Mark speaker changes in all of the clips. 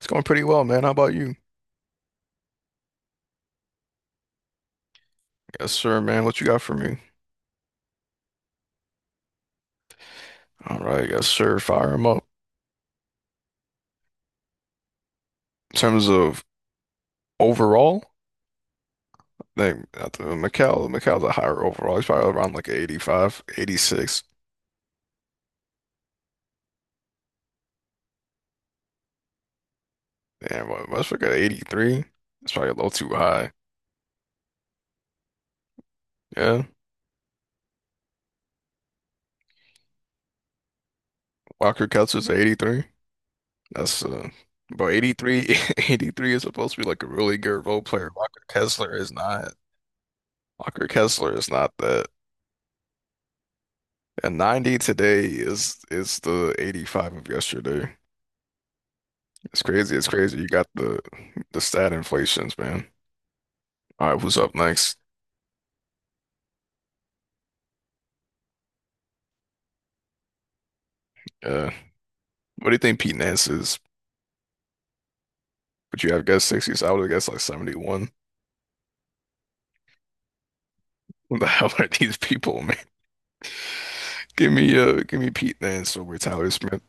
Speaker 1: It's going pretty well, man. How about you? Yes, sir, man. What you got for me? All right, yes, sir. Fire him up. In terms of overall, they not the Mikal, Mikal's a higher overall. He's probably around like 85, 86. Damn, what Westbrook at 83. It's probably a little too high. Yeah. Walker Kessler's 83. That's But 83 83 is supposed to be like a really good role player. Walker Kessler is not. Walker Kessler is not that. And 90 today is the 85 of yesterday. It's crazy. It's crazy. You got the stat inflations, man. All right, who's up next? Uh, what do you think Pete Nance is? Would you have guessed 60s? I would have guessed like 71. What the hell are these people, man? Give me Pete Nance over Tyler Smith.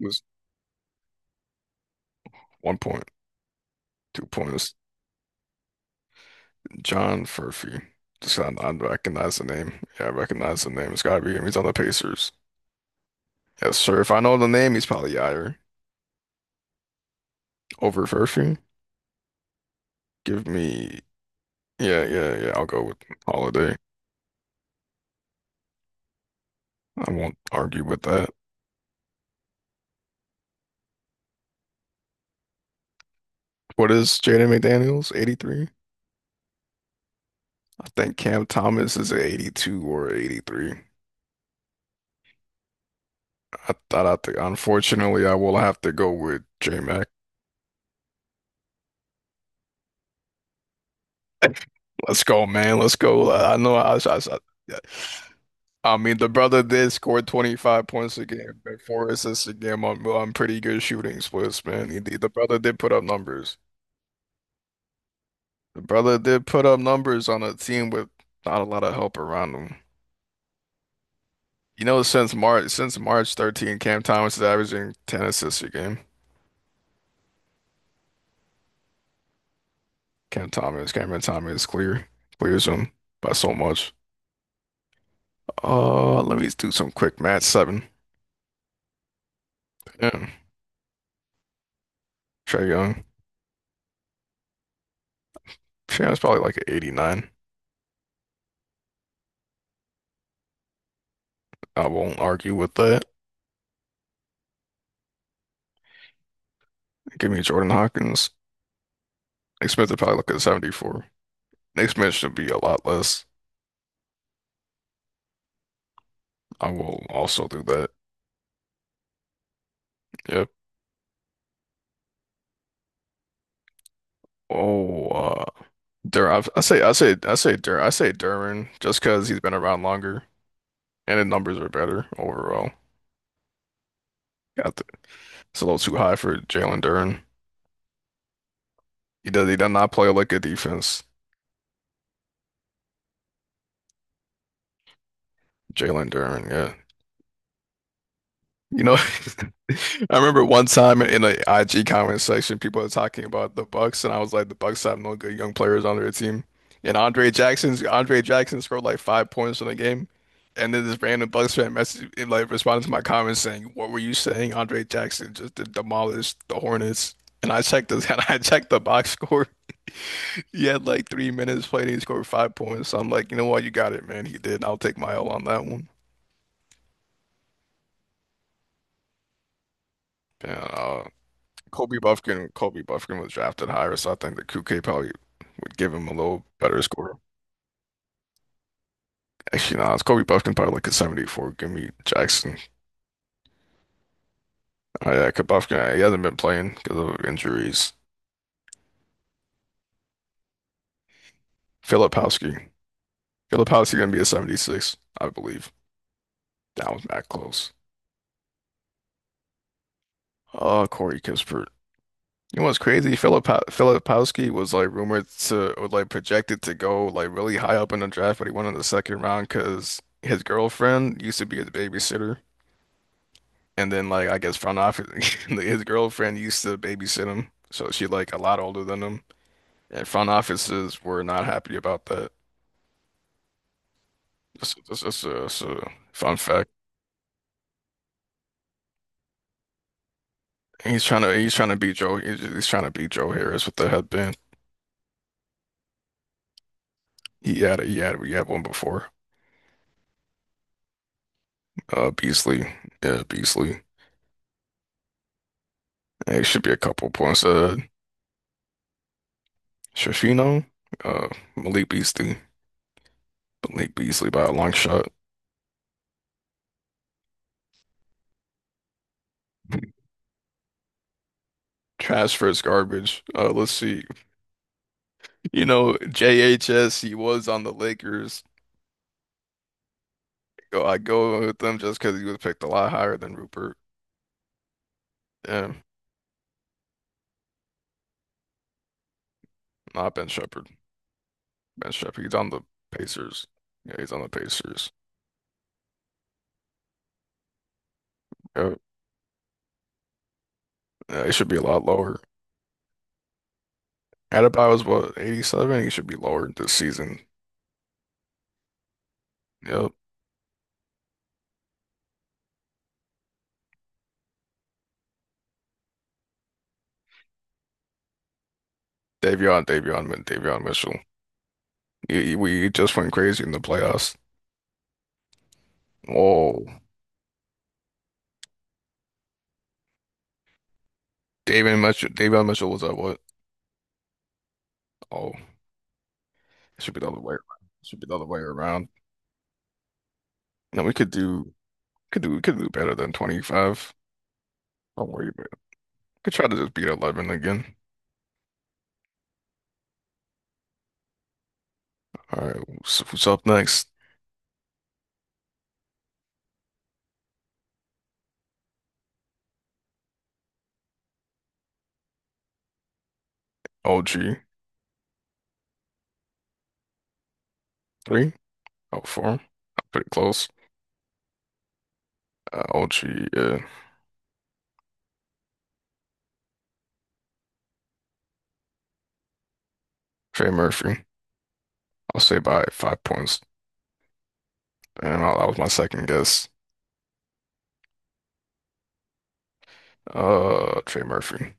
Speaker 1: It was 1 point, 2 points. John Furphy. Just I recognize the name. Yeah, I recognize the name. It's gotta be him. He's on the Pacers. Yes, sir. If I know the name, he's probably higher. Over Furphy. Give me Yeah, yeah, yeah. I'll go with Holiday. I won't argue with that. What is Jaden McDaniels? 83? I think Cam Thomas is at 82 or 83. I think unfortunately I will have to go with J Mac. Let's go, man. Let's go. I know yeah. I mean the brother did score 25 points a game and four assists a game on pretty good shooting splits, man. The brother did put up numbers. The brother did put up numbers on a team with not a lot of help around him. You know, since March 13th, Cam Thomas is averaging 10 assists a game. Cameron Thomas clears him by so much. Let me do some quick math. Seven. Yeah. Trae Young. Trae Young's probably like an 89. I won't argue with that. Give me Jordan Hawkins. Nick Smith would probably look at 74. Nick Smith should be a lot less. I will also do that. Yep. Oh, Dur I say, I say, I say Dur I say Duran just because he's been around longer and the numbers are better overall. Yeah, it's a little too high for Jalen Duran. He does. He does not play like a defense. Jalen Duren, yeah. You know, I remember one time in the IG comment section, people were talking about the Bucks, and I was like, the Bucks have no good young players on their team. And Andre Jackson scored like 5 points in the game, and then this random Bucks fan message like responded to my comments saying, "What were you saying? Andre Jackson just demolished the Hornets." And I checked this, and I checked the box score. He had like 3 minutes played, and he scored 5 points. So I'm like, you know what, you got it, man. He did. I'll take my L on that one. Yeah, Kobe Bufkin was drafted higher, so I think that Kuke probably would give him a little better score. Actually, no, it's Kobe Bufkin probably like a 74. Give me Jackson. Oh, yeah, 'cause Bufkin, he hasn't been playing because of injuries. Filipowski. Filipowski gonna be a 76, I believe. That was that close. Corey Kispert. You know what's crazy? Filipowski was like rumored to, or like projected to go like really high up in the draft, but he went in the second round because his girlfriend used to be his babysitter. And then like I guess front office his girlfriend used to babysit him, so she like a lot older than him. And front offices were not happy about that. That's a fun fact. And he's trying to beat Joe Harris with the headband. He had a, he had we had one before. Beasley. Yeah, Beasley. It should be a couple points. Shafino, uh Malik Beasley. Malik Beasley by a long shot. Transfer is garbage. Let's see. You know, JHS, he was on the Lakers. I go with them just because he was picked a lot higher than Rupert. Yeah, not Ben Shepherd. Ben Shepherd, he's on the Pacers. Yeah, he's on the Pacers. Yeah, yeah, he should be a lot lower. Adebayo was what, 87? He should be lower this season. Yep. Davion Mitchell. We just went crazy in the playoffs. Whoa. Davion Mitchell was at what? Oh, it should be the other way around. It should be the other way around. Now we could do. Could do better than 25. Don't worry about it. Could try to just beat 11 again. All right, who's up next? OG 3, oh, 4. Pretty close. OG, uh, Trey Murphy. I'll say by 5 points. That was my second guess. Trey Murphy.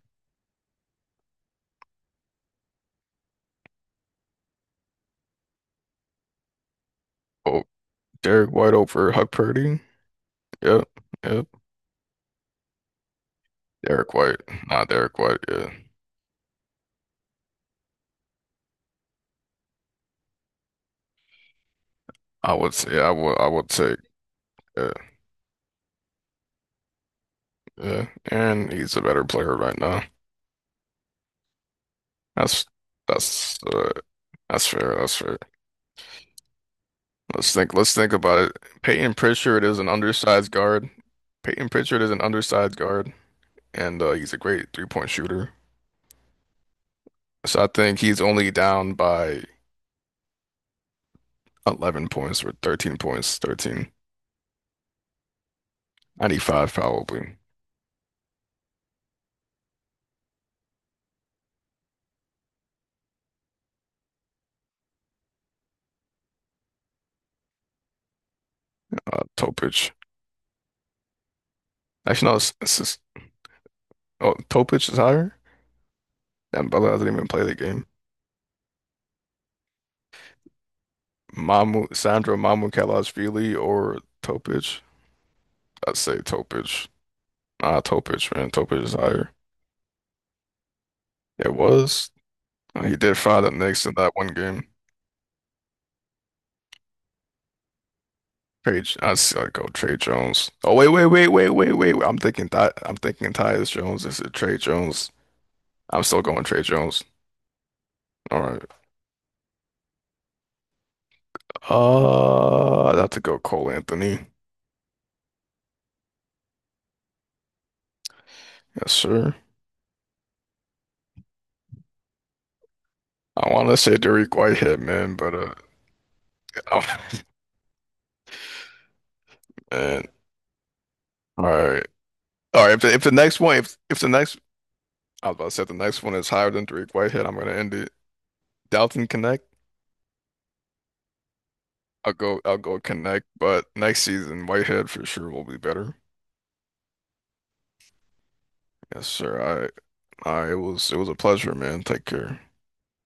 Speaker 1: Oh, Derek White over Huck Purdy. Yep, yep. Derek White, not Derek White. Yeah, I would say I would take. Yeah, yeah. And he's a better player right now. That's that's uh, That's fair. That's fair. Let's think. Let's think about it. Peyton Pritchard is an undersized guard. Peyton Pritchard is an undersized guard, and he's a great three-point shooter. So I think he's only down by 11 points or 13 points, 13, 95 probably. Topic. Actually, no, it's just, oh, Topic is higher. And Bella doesn't even play the game. Sandro Mamukelashvili or Topic. I'd say Topic. Ah, Topic, man. Topic is higher. It was. He did fire the Knicks in that one game. Page, I see. I go Trey Jones. Oh wait, wait, wait, wait, wait, wait. I'm thinking Tyus Jones. Is it Trey Jones? I'm still going Trey Jones. All right. I'd have to go Cole Anthony. Yes, sir. I want to say Derrick Whitehead, man, but man. All right, all right. If the next one, if the next, I was about to say if the next one is higher than Derrick Whitehead, I'm gonna end it. Dalton Connect. I'll go Connect. But next season, Whitehead for sure will be better. Yes, sir. I was it was a pleasure, man. Take care.